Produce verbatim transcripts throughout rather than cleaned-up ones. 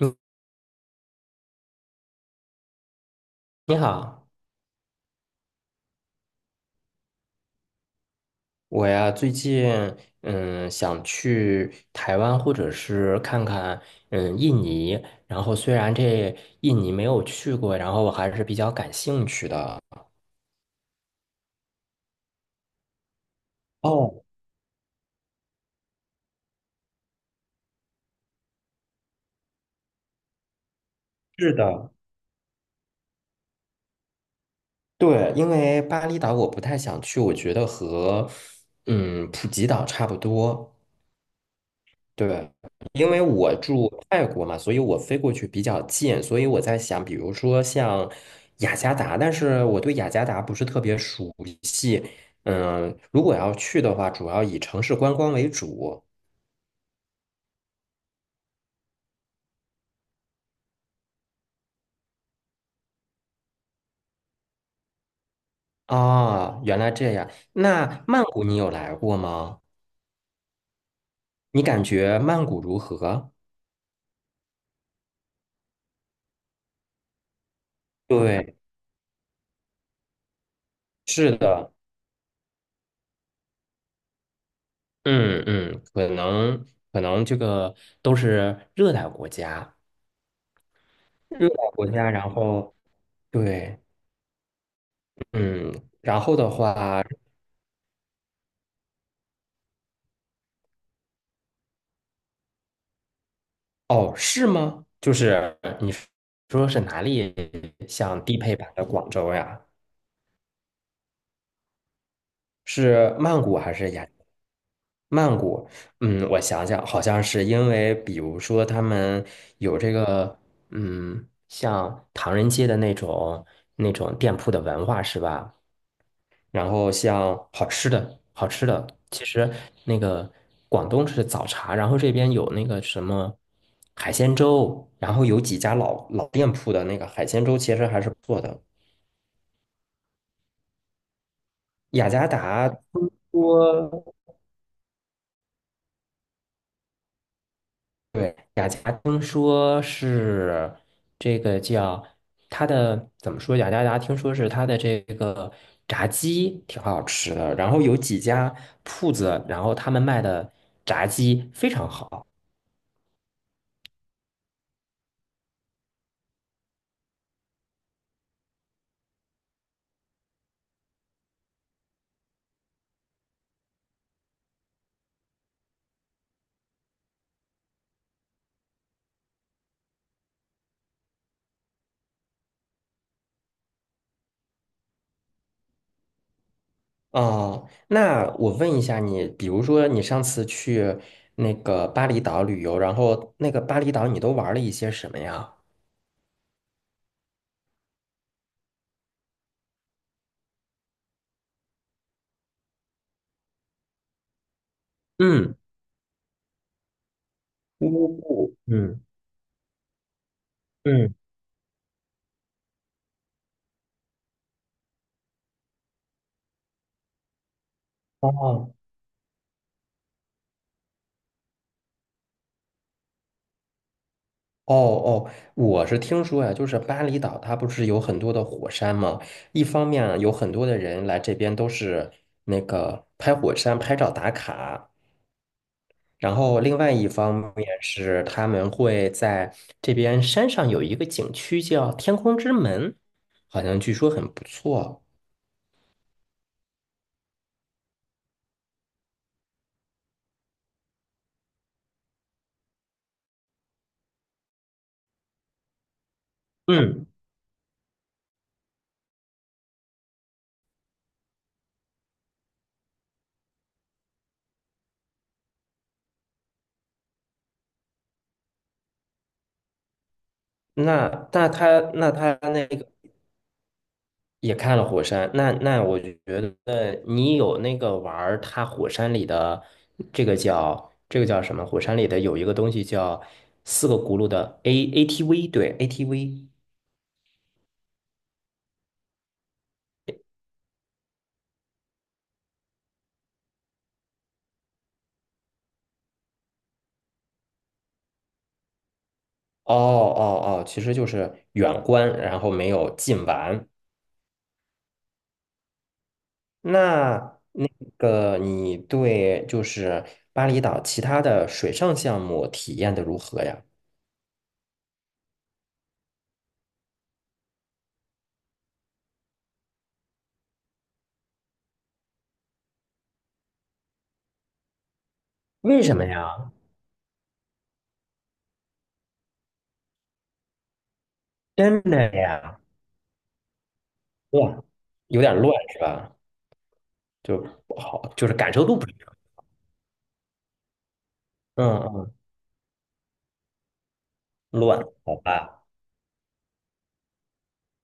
你你好，我呀最近嗯想去台湾或者是看看嗯印尼，然后虽然这印尼没有去过，然后我还是比较感兴趣的。哦，是的，对，因为巴厘岛我不太想去，我觉得和嗯普吉岛差不多。对，因为我住泰国嘛，所以我飞过去比较近，所以我在想，比如说像雅加达，但是我对雅加达不是特别熟悉。嗯，如果要去的话，主要以城市观光为主。啊，原来这样。那曼谷你有来过吗？你感觉曼谷如何？对，是的，嗯嗯，可能可能这个都是热带国家，热带国家，然后对。嗯，然后的话，哦，是吗？就是你说是哪里像低配版的广州呀？是曼谷还是雅？曼谷，嗯，我想想，好像是因为，比如说他们有这个，嗯，像唐人街的那种那种店铺的文化，是吧？然后像好吃的，好吃的，其实那个广东是早茶，然后这边有那个什么海鲜粥，然后有几家老老店铺的那个海鲜粥，其实还是不错的。雅加达听说，对，雅加达听说是这个叫它的怎么说？雅加达听说是它的这个炸鸡挺好吃的，然后有几家铺子，然后他们卖的炸鸡非常好。哦，那我问一下你，比如说你上次去那个巴厘岛旅游，然后那个巴厘岛你都玩了一些什么呀？嗯，乌布，嗯嗯，哦哦哦，我是听说呀，就是巴厘岛它不是有很多的火山吗？一方面有很多的人来这边都是那个拍火山拍照打卡，然后另外一方面是他们会在这边山上有一个景区叫天空之门，好像据说很不错。嗯，那那他那他那个也看了火山，那那我觉得你有那个玩儿它火山里的这个叫这个叫什么？火山里的有一个东西叫四个轱辘的 A ATV，对 A T V。哦哦哦，其实就是远观，然后没有近玩。那那个你对就是巴厘岛其他的水上项目体验的如何呀？为什么呀？真的呀？哇，有点乱是吧？就不好，就是感受度不是很，嗯，嗯乱，好吧。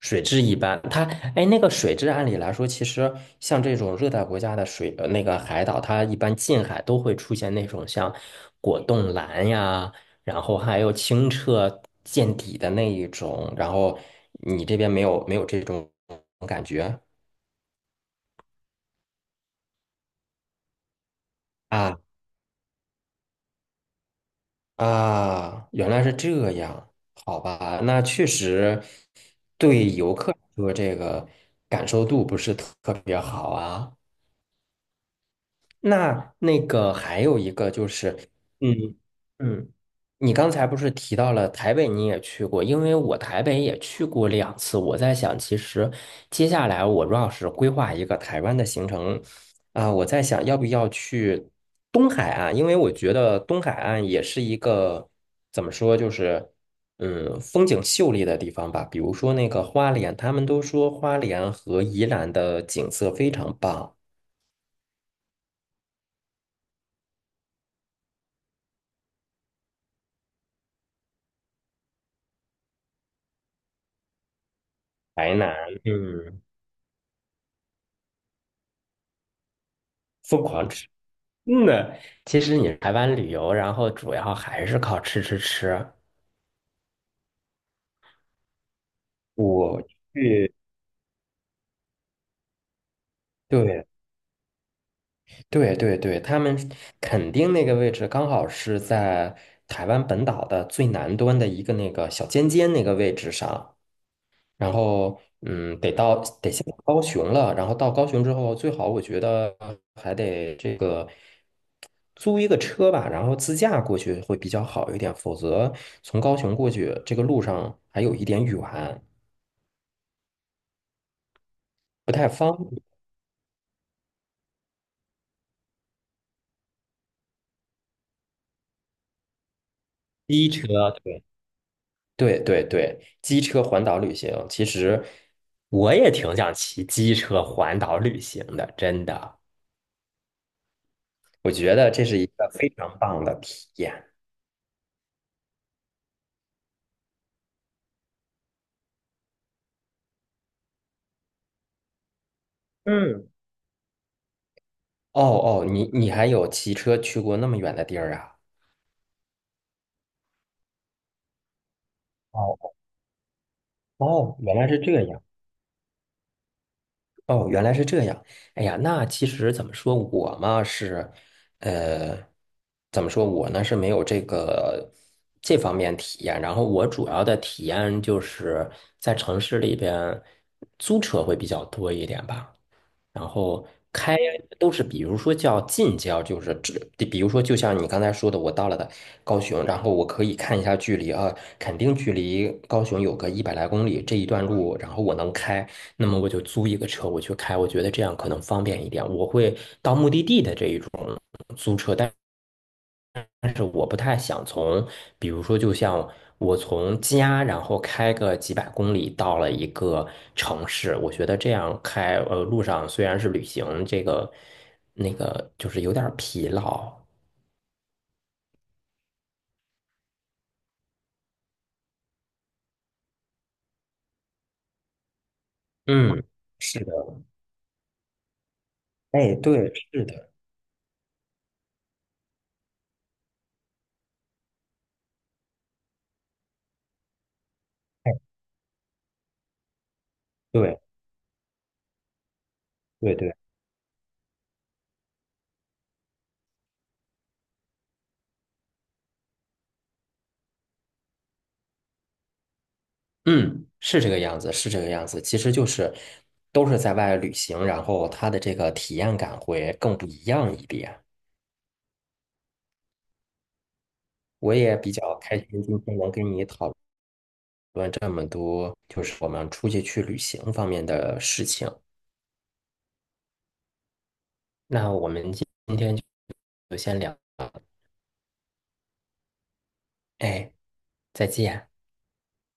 水质一般，它哎，那个水质按理来说，其实像这种热带国家的水，呃那个海岛，它一般近海都会出现那种像果冻蓝呀，然后还有清澈见底的那一种，然后你这边没有没有这种感觉啊啊，原来是这样，好吧，那确实对游客来说这个感受度不是特别好啊。那那个还有一个就是，嗯嗯，你刚才不是提到了台北你也去过，因为我台北也去过两次，我在想，其实接下来我要是规划一个台湾的行程，啊、我在想要不要去东海岸，因为我觉得东海岸也是一个怎么说，就是嗯风景秀丽的地方吧，比如说那个花莲，他们都说花莲和宜兰的景色非常棒，台南。嗯。疯狂吃。嗯呢，其实你台湾旅游，然后主要还是靠吃吃吃。我去，对对对对，他们肯定那个位置刚好是在台湾本岛的最南端的一个那个小尖尖那个位置上，然后嗯，得到得先到高雄了，然后到高雄之后，最好我觉得还得这个。租一个车吧，然后自驾过去会比较好一点，否则从高雄过去这个路上还有一点远，不太方便。机车，对，对对对，机车环岛旅行，其实我也挺想骑机车环岛旅行的，真的。我觉得这是一个非常棒的体验。嗯，哦哦，你你还有骑车去过那么远的地儿啊？哦哦，原来是这样。哦，原来是这样。哎呀，那其实怎么说，我嘛是，呃，怎么说，我呢是没有这个这方面体验。然后我主要的体验就是在城市里边租车会比较多一点吧。然后开呀都是，比如说叫近郊，就是这，比如说就像你刚才说的，我到了的高雄，然后我可以看一下距离啊，肯定距离高雄有个一百来公里这一段路，然后我能开，那么我就租一个车我去开，我觉得这样可能方便一点，我会到目的地的这一种租车。是我不太想从，比如说，就像我从家，然后开个几百公里到了一个城市，我觉得这样开，呃，路上虽然是旅行，这个那个就是有点儿疲劳。嗯，是的，哎，对，是的，哎，对，对对，嗯，是这个样子，是这个样子。其实就是都是在外旅行，然后他的这个体验感会更不一样一点。我也比较开心，今天能跟你讨。问这么多，就是我们出去去旅行方面的事情。那我们今天就先聊，哎，再见。